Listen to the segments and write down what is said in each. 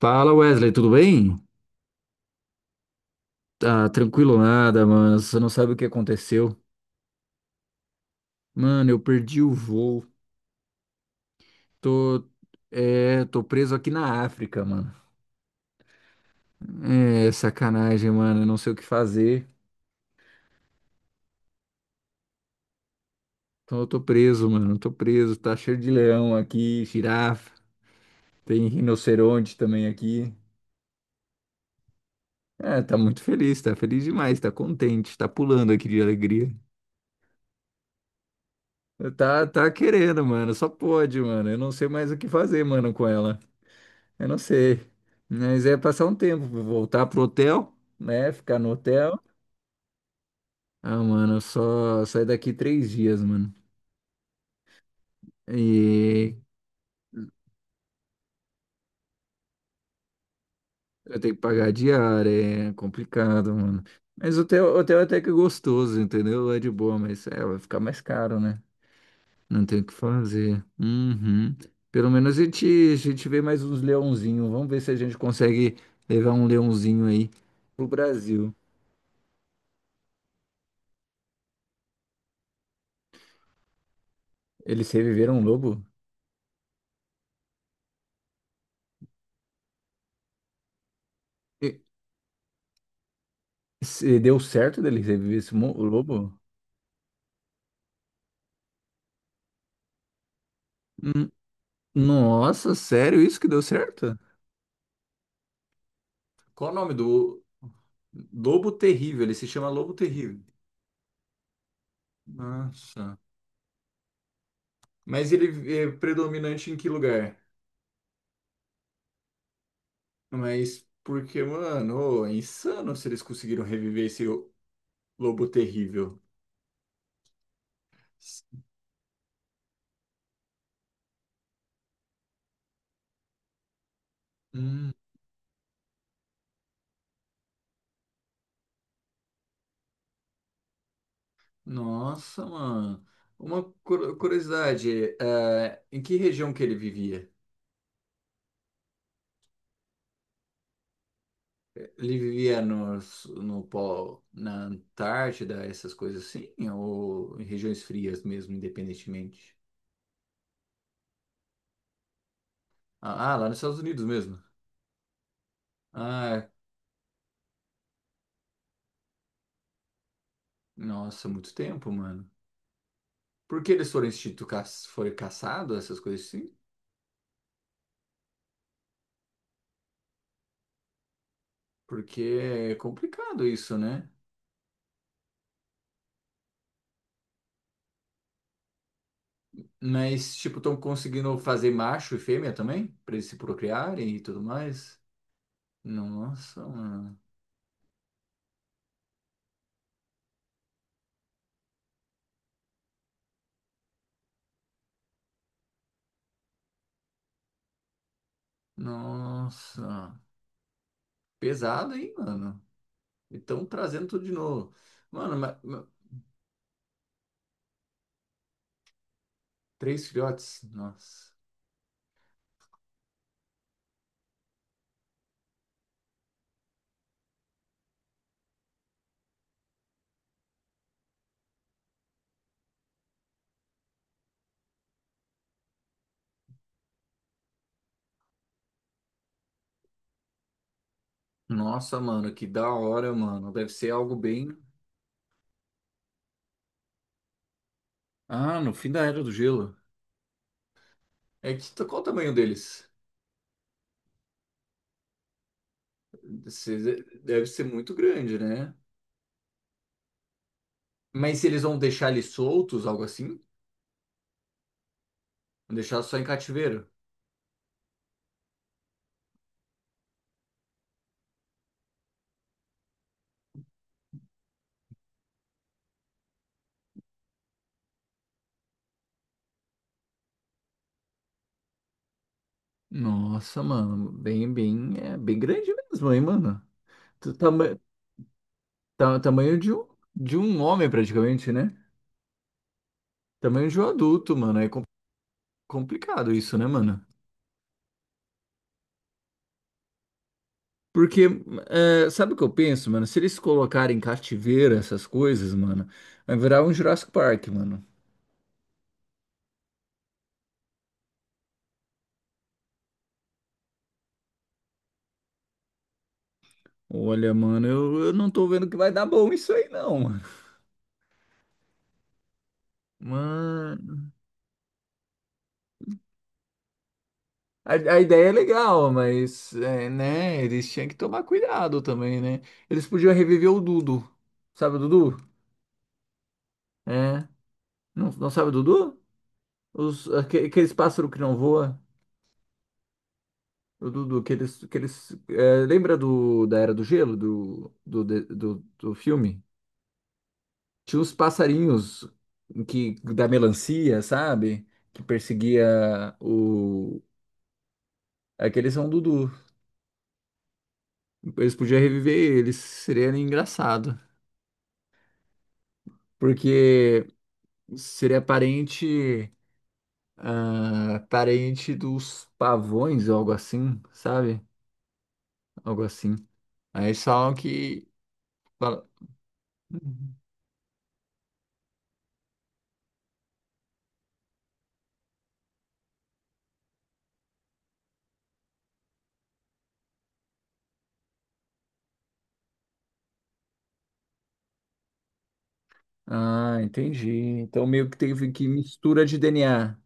Fala Wesley, tudo bem? Tá tranquilo nada, mano. Você não sabe o que aconteceu. Mano, eu perdi o voo. Tô, tô preso aqui na África, mano. É, sacanagem, mano. Eu não sei o que fazer. Então eu tô preso, mano. Tô preso. Tá cheio de leão aqui, girafa. Tem rinoceronte também aqui. É, tá muito feliz, tá feliz demais, tá contente, tá pulando aqui de alegria. Tá, tá querendo, mano. Só pode, mano. Eu não sei mais o que fazer, mano, com ela. Eu não sei. Mas é passar um tempo, voltar pro hotel, né? Ficar no hotel. Ah, mano, eu só saio daqui 3 dias, mano. E eu tenho que pagar a diária, é complicado, mano. Mas o hotel até que é gostoso, entendeu? É de boa, mas é, vai ficar mais caro, né? Não tem o que fazer. Uhum. Pelo menos a gente vê mais uns leãozinhos. Vamos ver se a gente consegue levar um leãozinho aí pro Brasil. Eles reviveram um lobo? Se deu certo dele reviver o lobo? Hum. Nossa, sério isso que deu certo? Qual o nome do Lobo Terrível? Ele se chama Lobo Terrível. Nossa. Mas ele é predominante em que lugar? Mas porque, mano, ô, é insano se eles conseguiram reviver esse Lobo Terrível. Hum, nossa, mano. Uma curiosidade, é, em que região que ele vivia? Ele vivia no pó, na Antártida, essas coisas assim, ou em regiões frias mesmo, independentemente? Ah, lá nos Estados Unidos mesmo. Ah, nossa, muito tempo, mano. Por que eles foram foram caçados, essas coisas assim? Porque é complicado isso, né? Mas, tipo, estão conseguindo fazer macho e fêmea também? Pra eles se procriarem e tudo mais? Nossa, mano. Nossa. Pesado, hein, mano? Então, trazendo tudo de novo. Mano, 3 filhotes. Nossa. Nossa, mano, que da hora, mano. Deve ser algo bem. Ah, no fim da Era do Gelo. É que qual o tamanho deles? Cês- Deve ser muito grande, né? Mas se eles vão deixar eles soltos, algo assim? Vão deixar só em cativeiro? Nossa, mano, bem, é bem grande mesmo, hein, mano? Tu- Tama tamanho de um homem, praticamente, né? Tamanho de um adulto, mano. É complicado isso, né, mano? Porque, é, sabe o que eu penso, mano? Se eles colocarem cativeiro, essas coisas, mano, vai virar um Jurassic Park, mano. Olha, mano, eu não tô vendo que vai dar bom isso aí, não, mano. Mano, a ideia é legal, mas, é, né, eles tinham que tomar cuidado também, né? Eles podiam reviver o Dudu. Sabe o Dudu? É. Não, não sabe o Dudu? Aqueles pássaros que não voam. O Dudu, aqueles, é, lembra da Era do Gelo, do filme? Tinha os passarinhos que da melancia, sabe? Que perseguia o. Aqueles são Dudu. Eles podiam reviver eles. Seria engraçado. Porque seria parente. Ah, parente dos pavões ou algo assim, sabe? Algo assim. Aí só que. fala- "Uhum". Ah, entendi. Então meio que teve que mistura de DNA.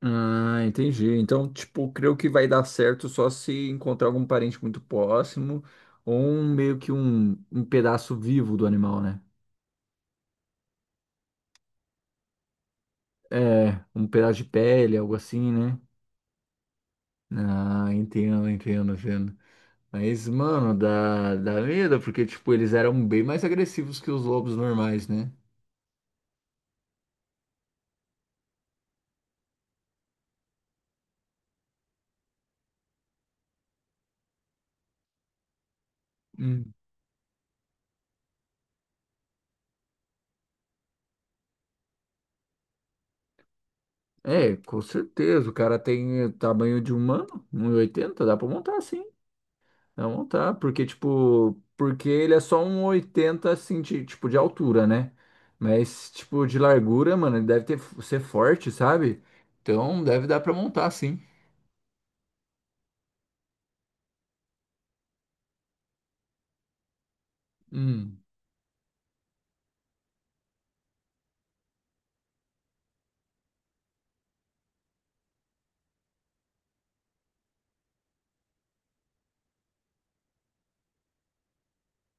Ah, entendi. Então, tipo, creio que vai dar certo só se encontrar algum parente muito próximo ou um pedaço vivo do animal, né? É, um pedaço de pele, algo assim, né? Ah, entendo. Mas, mano, dá medo, porque, tipo, eles eram bem mais agressivos que os lobos normais, né? Hum. É, com certeza. O cara tem tamanho de humano, 1,80 dá pra montar assim. Não, tá, porque, tipo, porque ele é só 1,80 assim, de, tipo, de altura, né? Mas, tipo, de largura, mano, ele deve ter, ser forte, sabe? Então, deve dar pra montar, sim. Hum,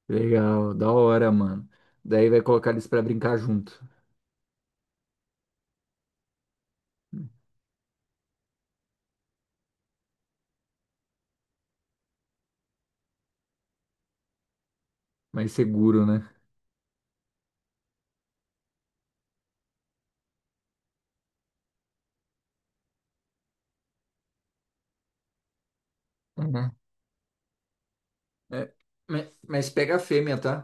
legal, da hora, mano. Daí vai colocar eles pra brincar junto. Mais seguro, né? Uhum. É, mas pega a fêmea, tá?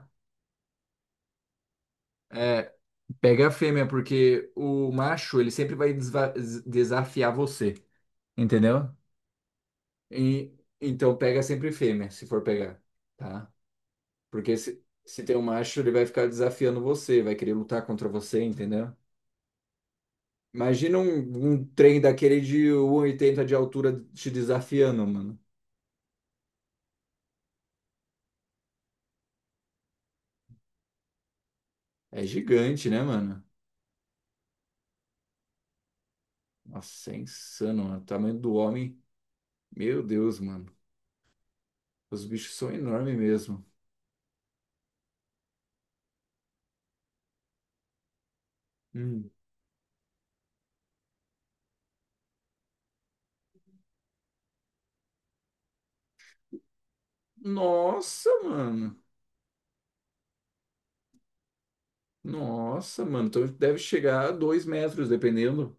É, pega a fêmea, porque o macho, ele sempre vai desafiar você, entendeu? E- então pega sempre fêmea, se for pegar, tá? Porque se tem um macho, ele vai ficar desafiando você, vai querer lutar contra você, entendeu? Imagina um trem daquele de 1,80 de altura te desafiando, mano. É gigante, né, mano? Nossa, é insano, mano. O tamanho do homem. Meu Deus, mano. Os bichos são enormes mesmo. Hum. Nossa, mano. Nossa, mano. Então deve chegar a 2 metros, dependendo.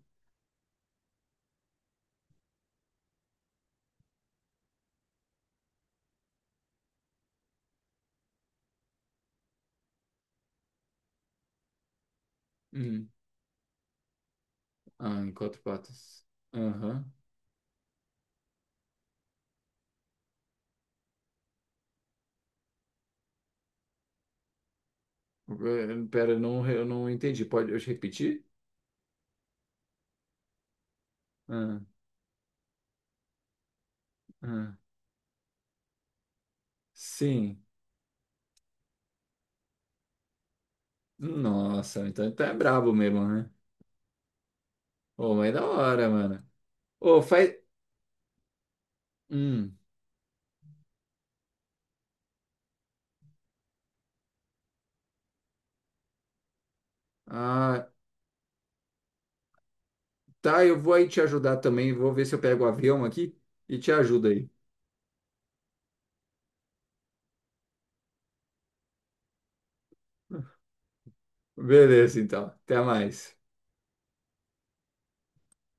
Hum. Ah, em quatro patas. Aham. Eh, pera, não, eu não entendi. Pode eu te repetir? Ah, ah, sim. Nossa, então tá brabo mesmo, né? Ô, mas é da hora, mano. Ô, faz. Hum. Ah, tá, eu vou aí te ajudar também. Vou ver se eu pego o avião aqui e te ajudo aí. Beleza, então. Até mais.